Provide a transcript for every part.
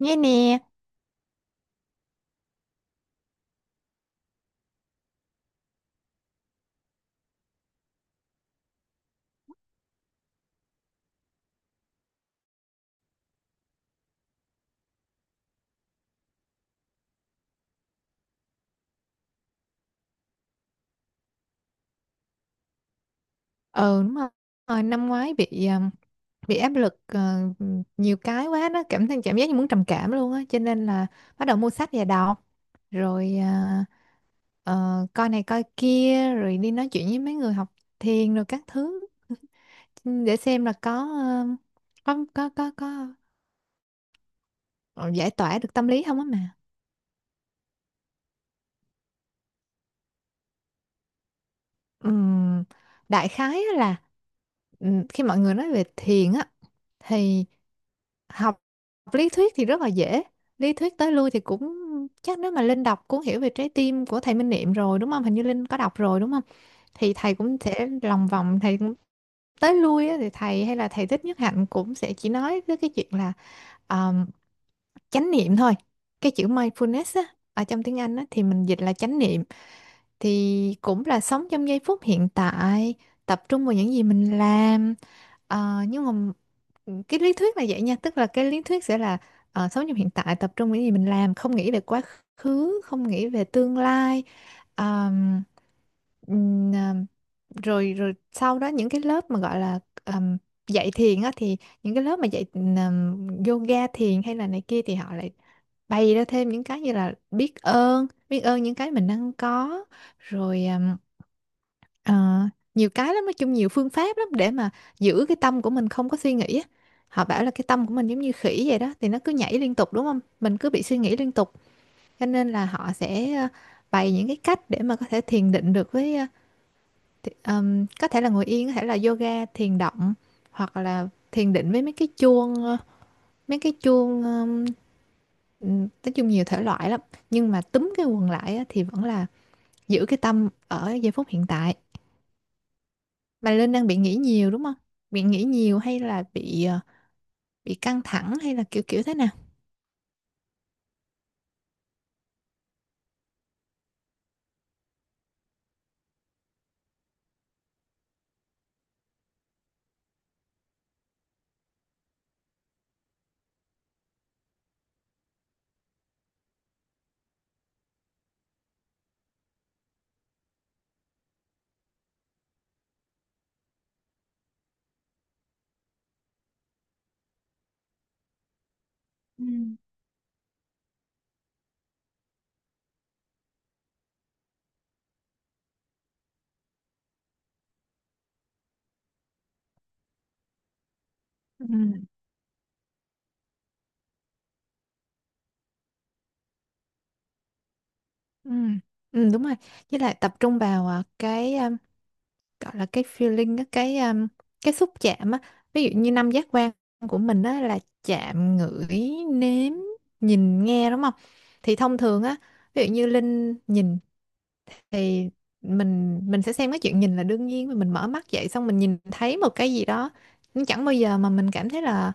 Nghe nè. Ừ, đúng rồi. Ờ, năm ngoái bị áp lực, ờ, nhiều cái quá đó, cảm thấy cảm giác như muốn trầm cảm luôn á, cho nên là bắt đầu mua sách và đọc rồi à, ờ, coi này coi kia rồi đi nói chuyện với mấy người học thiền rồi các thứ, để xem là có ờ, có ờ, giải tỏa được tâm lý không á mà. Ừm, Đại khái á là, khi mọi người nói về thiền á thì học lý thuyết thì rất là dễ, lý thuyết tới lui thì cũng, chắc nếu mà Linh đọc cuốn Hiểu Về Trái Tim của thầy Minh Niệm rồi đúng không, hình như Linh có đọc rồi đúng không. Thì thầy cũng sẽ lòng vòng, thầy tới lui á, thì thầy hay là thầy Thích Nhất Hạnh cũng sẽ chỉ nói tới cái chuyện là um, chánh niệm thôi. Cái chữ mindfulness á, ở trong tiếng Anh á, thì mình dịch là chánh niệm. Thì cũng là sống trong giây phút hiện tại, tập trung vào những gì mình làm. Ờ, nhưng mà ừ, cái lý thuyết là vậy nha, tức là cái lý thuyết sẽ là ờ, sống trong hiện tại, tập trung vào những gì mình làm, không nghĩ về quá khứ, không nghĩ về tương lai. Ờm, ừm, rồi rồi sau đó những cái lớp mà gọi là ừm, dạy thiền á, thì những cái lớp mà dạy yoga thiền hay là này kia thì họ lại bày ra thêm những cái như là biết ơn những cái mình đang có rồi ờ, nhiều cái lắm, nói chung nhiều phương pháp lắm để mà giữ cái tâm của mình không có suy nghĩ á. Họ bảo là cái tâm của mình giống như khỉ vậy đó, thì nó cứ nhảy liên tục đúng không, mình cứ bị suy nghĩ liên tục, cho nên là họ sẽ ờ, bày những cái cách để mà có thể thiền định được với, ờ, thì, có thể là ngồi yên, có thể là yoga, thiền động, hoặc là thiền định với mấy cái chuông, ờ, mấy cái chuông. Nói chung nhiều thể loại lắm, nhưng mà túm cái quần lại á, thì vẫn là giữ cái tâm ở giây phút hiện tại. Mà Linh đang bị nghĩ nhiều đúng không? Bị nghĩ nhiều hay là bị ờ, bị căng thẳng hay là kiểu kiểu thế nào? Ừ. Ừ, ừ, ừ, đúng rồi. Với lại tập trung vào à, cái à, gọi là cái feeling á, cái cái xúc chạm á, ví dụ như năm giác quan của mình á là chạm, ngửi, nếm, nhìn, nghe đúng không. Thì thông thường á, ví dụ như Linh nhìn, thì mình sẽ xem cái chuyện nhìn là đương nhiên, mà mình mở mắt dậy xong mình nhìn thấy một cái gì đó, nhưng chẳng bao giờ mà mình cảm thấy là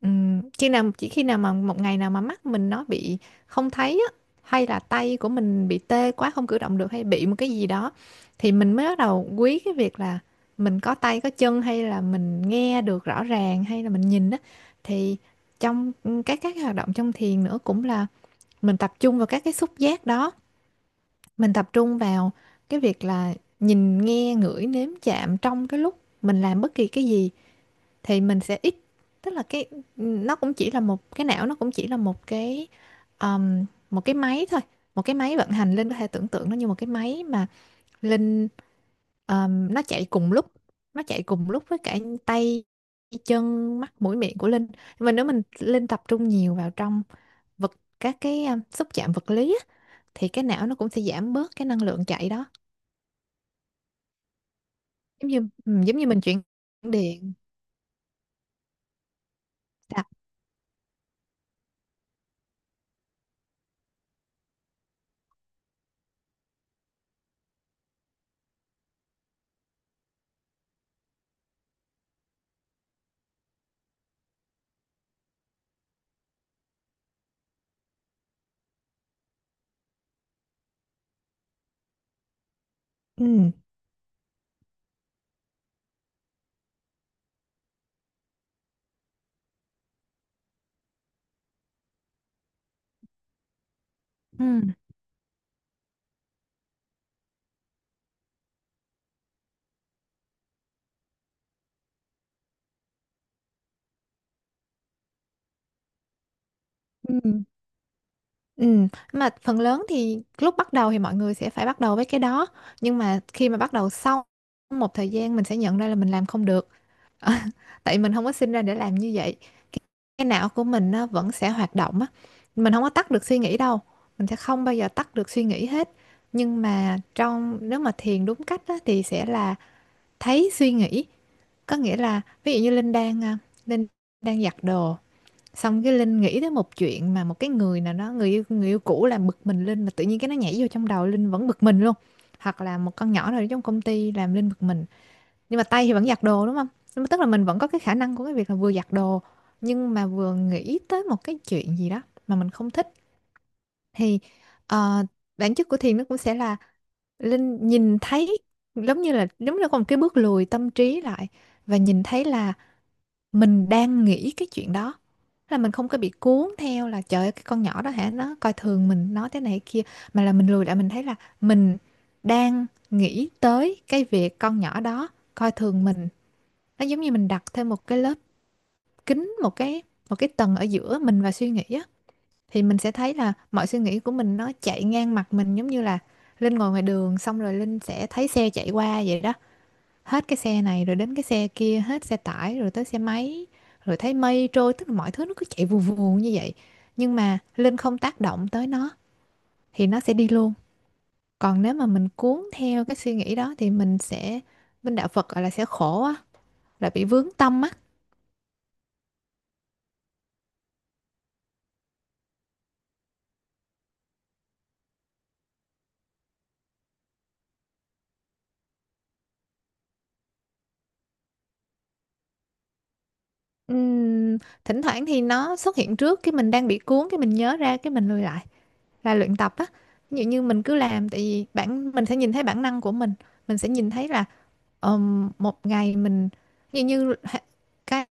khi nào, chỉ khi nào mà một ngày nào mà mắt mình nó bị không thấy á, hay là tay của mình bị tê quá không cử động được, hay bị một cái gì đó, thì mình mới bắt đầu quý cái việc là mình có tay có chân, hay là mình nghe được rõ ràng, hay là mình nhìn á. Thì trong các cái hoạt động trong thiền nữa cũng là mình tập trung vào các cái xúc giác đó, mình tập trung vào cái việc là nhìn, nghe, ngửi, nếm, chạm trong cái lúc mình làm bất kỳ cái gì, thì mình sẽ ít, tức là cái, nó cũng chỉ là một cái não, nó cũng chỉ là một cái máy thôi, một cái máy vận hành. Linh có thể tưởng tượng nó như một cái máy mà Linh, nó chạy cùng lúc, nó chạy cùng lúc với cả tay, chân, mắt, mũi, miệng của Linh. Nhưng mà nếu mình Linh tập trung nhiều vào trong vật, các cái xúc chạm vật lý á, thì cái não nó cũng sẽ giảm bớt cái năng lượng chạy đó. Giống như ừ, giống như mình chuyển điện, sạc. Ừ, ừ, ừ, ừ, mà phần lớn thì lúc bắt đầu thì mọi người sẽ phải bắt đầu với cái đó, nhưng mà khi mà bắt đầu sau một thời gian mình sẽ nhận ra là mình làm không được. Ờ, tại mình không có sinh ra để làm như vậy. cái, cái não của mình nó vẫn sẽ hoạt động á, mình không có tắt được suy nghĩ đâu, mình sẽ không bao giờ tắt được suy nghĩ hết. Nhưng mà trong nếu mà thiền đúng cách á, thì sẽ là thấy suy nghĩ, có nghĩa là ví dụ như Linh đang à, Linh đang giặt đồ, xong cái Linh nghĩ tới một chuyện mà một cái người nào đó, người yêu cũ làm bực mình Linh, mà tự nhiên cái nó nhảy vô trong đầu Linh vẫn bực mình luôn, hoặc là một con nhỏ nào đó trong công ty làm Linh bực mình, nhưng mà tay thì vẫn giặt đồ đúng không. Nhưng mà tức là mình vẫn có cái khả năng của cái việc là vừa giặt đồ, nhưng mà vừa nghĩ tới một cái chuyện gì đó mà mình không thích. Thì ờ, bản chất của thiền nó cũng sẽ là Linh nhìn thấy, giống như là có một cái bước lùi tâm trí lại, và nhìn thấy là mình đang nghĩ cái chuyện đó, là mình không có bị cuốn theo là trời ơi cái con nhỏ đó hả nó coi thường mình nói thế này thế kia, mà là mình lùi lại mình thấy là mình đang nghĩ tới cái việc con nhỏ đó coi thường mình. Nó giống như mình đặt thêm một cái lớp kính, một cái tầng ở giữa mình và suy nghĩ á, thì mình sẽ thấy là mọi suy nghĩ của mình nó chạy ngang mặt mình, giống như là Linh ngồi ngoài đường, xong rồi Linh sẽ thấy xe chạy qua vậy đó, hết cái xe này rồi đến cái xe kia, hết xe tải rồi tới xe máy, rồi thấy mây trôi, tức là mọi thứ nó cứ chạy vù vù như vậy, nhưng mà Linh không tác động tới nó thì nó sẽ đi luôn. Còn nếu mà mình cuốn theo cái suy nghĩ đó thì mình sẽ, bên đạo Phật gọi là sẽ khổ á, là bị vướng tâm á. Ừm, Thỉnh thoảng thì nó xuất hiện trước, cái mình đang bị cuốn, cái mình nhớ ra, cái mình lùi lại, là luyện tập á. Ví dụ như mình cứ làm, tại vì bản, mình sẽ nhìn thấy bản năng của mình sẽ nhìn thấy là một ngày mình, như như h- cái,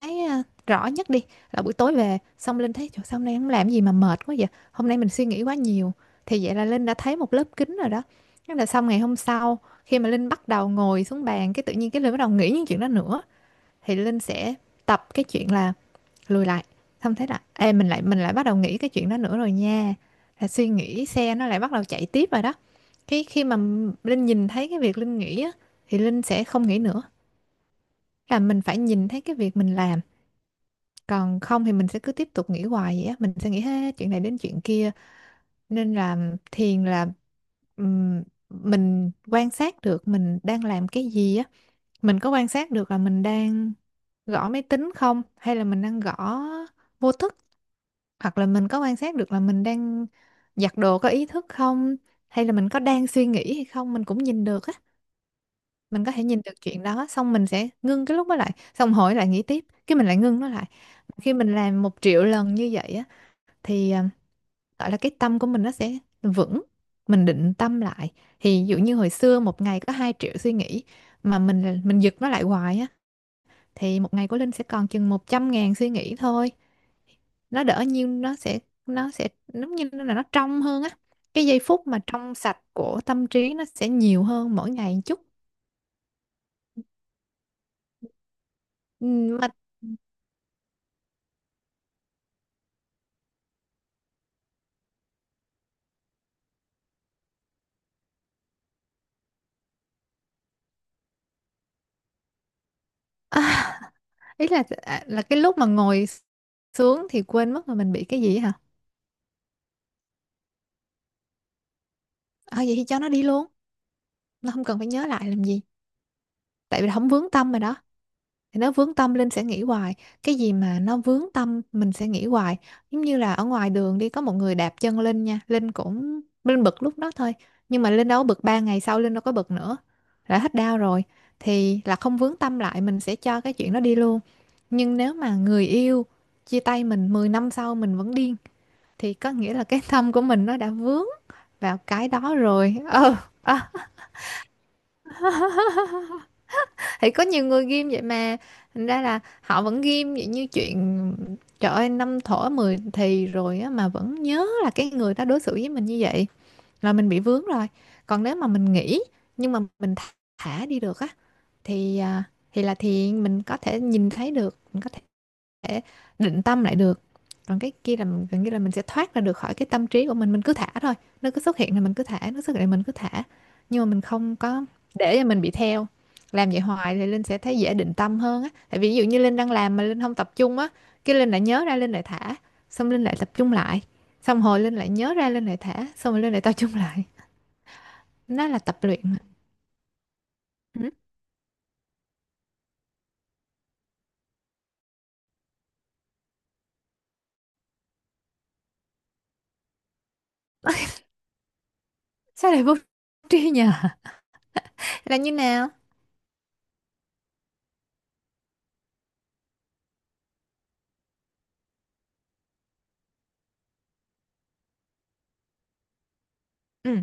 cái à, rõ nhất đi, là buổi tối về xong Linh thấy trời sao hôm nay không làm gì mà mệt quá vậy, hôm nay mình suy nghĩ quá nhiều, thì vậy là Linh đã thấy một lớp kính rồi đó. Thế là xong ngày hôm sau khi mà Linh bắt đầu ngồi xuống bàn, cái tự nhiên cái Linh bắt đầu nghĩ những chuyện đó nữa, thì Linh sẽ tập cái chuyện là lùi lại, xong thế là ê mình lại bắt đầu nghĩ cái chuyện đó nữa rồi nha, là suy nghĩ xe nó lại bắt đầu chạy tiếp rồi đó. Cái khi mà Linh nhìn thấy cái việc Linh nghĩ á thì Linh sẽ không nghĩ nữa, là mình phải nhìn thấy cái việc mình làm, còn không thì mình sẽ cứ tiếp tục nghĩ hoài vậy á, mình sẽ nghĩ hết chuyện này đến chuyện kia. Nên là thiền là ừm, mình quan sát được mình đang làm cái gì á, mình có quan sát được là mình đang gõ máy tính không, hay là mình đang gõ vô thức, hoặc là mình có quan sát được là mình đang giặt đồ có ý thức không, hay là mình có đang suy nghĩ hay không mình cũng nhìn được á. Mình có thể nhìn được chuyện đó, xong mình sẽ ngưng cái lúc đó lại, xong hỏi lại nghĩ tiếp cái mình lại ngưng nó lại. Khi mình làm 1 triệu lần như vậy á thì à, gọi là cái tâm của mình nó sẽ vững, mình định tâm lại. Thì ví dụ như hồi xưa một ngày có 2 triệu suy nghĩ, mà mình giật nó lại hoài á, thì một ngày của Linh sẽ còn chừng 100 ngàn suy nghĩ thôi, nó đỡ nhiêu, nó sẽ, nó sẽ giống như là nó trong hơn á, cái giây phút mà trong sạch của tâm trí nó sẽ nhiều hơn mỗi ngày một chút. Ừ, mà ý là là cái lúc mà ngồi xuống thì quên mất là mình bị cái gì hả? À, vậy thì cho nó đi luôn, nó không cần phải nhớ lại làm gì, tại vì không vướng tâm rồi đó. Thì nó vướng tâm Linh sẽ nghĩ hoài, cái gì mà nó vướng tâm mình sẽ nghĩ hoài. Giống như là ở ngoài đường đi có một người đạp chân Linh nha, Linh bực lúc đó thôi, nhưng mà Linh đâu có bực, 3 ngày sau Linh đâu có bực nữa, đã hết đau rồi. Thì là không vướng tâm lại, mình sẽ cho cái chuyện đó đi luôn. Nhưng nếu mà người yêu chia tay mình 10 năm sau mình vẫn điên, thì có nghĩa là cái tâm của mình nó đã vướng vào cái đó rồi. Ờ ờ thì có nhiều người ghim vậy mà, thành ra là họ vẫn ghim vậy, như chuyện trời ơi năm thổ mười thì rồi á mà vẫn nhớ là cái người đó đối xử với mình như vậy, là mình bị vướng rồi. Còn nếu mà mình nghĩ, nhưng mà mình thả đi được á, thì à, thì là mình có thể nhìn thấy được, mình có thể thể định tâm lại được. Còn cái kia là gần như là mình sẽ thoát ra được khỏi cái tâm trí của mình cứ thả thôi. Nó cứ xuất hiện là mình cứ thả, nó xuất hiện là mình cứ thả, nhưng mà mình không có để cho mình bị theo. Làm vậy hoài thì Linh sẽ thấy dễ định tâm hơn á, tại vì ví dụ như Linh đang làm mà Linh không tập trung á, cái Linh lại nhớ ra Linh lại thả, xong Linh lại tập trung lại, xong hồi Linh lại nhớ ra Linh lại thả, xong rồi Linh lại tập trung lại. Nó là tập luyện mà. Ừ. Sao lại vô tri nhờ, là như nào? Ừ.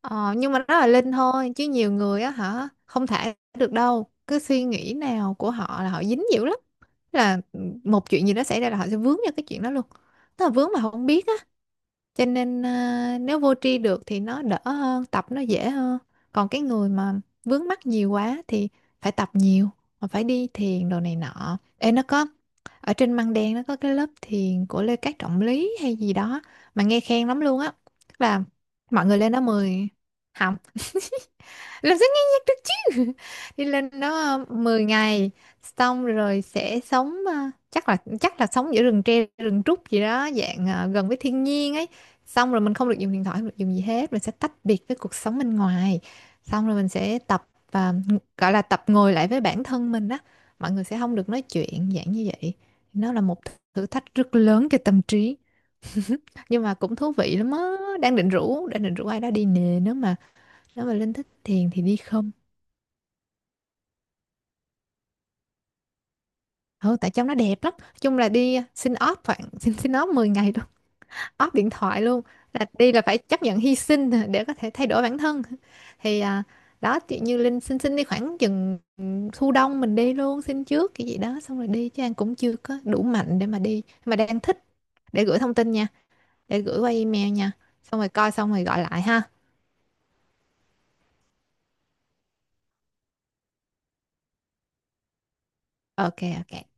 Ờ, nhưng mà đó là Linh thôi, chứ nhiều người á hả, không thể được đâu, cái suy nghĩ nào của họ là họ dính dữ lắm. Là một chuyện gì đó xảy ra là họ sẽ vướng vào cái chuyện đó luôn, tức là vướng mà họ không biết á. Cho nên nếu vô tri được thì nó đỡ hơn, tập nó dễ hơn. Còn cái người mà vướng mắc nhiều quá thì phải tập nhiều, mà phải đi thiền đồ này nọ. Ê, nó có ở trên Măng Đen, nó có cái lớp thiền của Lê Cát Trọng Lý hay gì đó, mà nghe khen lắm luôn á. Tức là mọi người lên đó 10 học làm sao nhanh nhất được chứ, đi lên đó 10 ngày, xong rồi sẽ sống, chắc là sống giữa rừng tre rừng trúc gì đó, dạng gần với thiên nhiên ấy. Xong rồi mình không được dùng điện thoại, không được dùng gì hết, mình sẽ tách biệt với cuộc sống bên ngoài. Xong rồi mình sẽ tập, ờ, gọi là tập ngồi lại với bản thân mình á, mọi người sẽ không được nói chuyện dạng như vậy. Nó là một thử thách rất lớn cho tâm trí, nhưng mà cũng thú vị lắm á. Đang định rủ ai đó đi nè, nếu mà Linh thích thiền thì đi không? Ừ, tại trong nó đẹp lắm. Nói chung là đi, xin off khoảng xin xin off 10 ngày luôn, off điện thoại luôn. Là đi là phải chấp nhận hy sinh để có thể thay đổi bản thân. Thì à, đó chị như Linh xin xin đi khoảng chừng thu đông mình đi luôn, xin trước cái gì đó xong rồi đi, chứ An cũng chưa có đủ mạnh để mà đi. Nhưng mà đang thích, để gửi thông tin nha, để gửi qua email nha. Xong rồi coi xong rồi gọi lại ha. Ok, ok.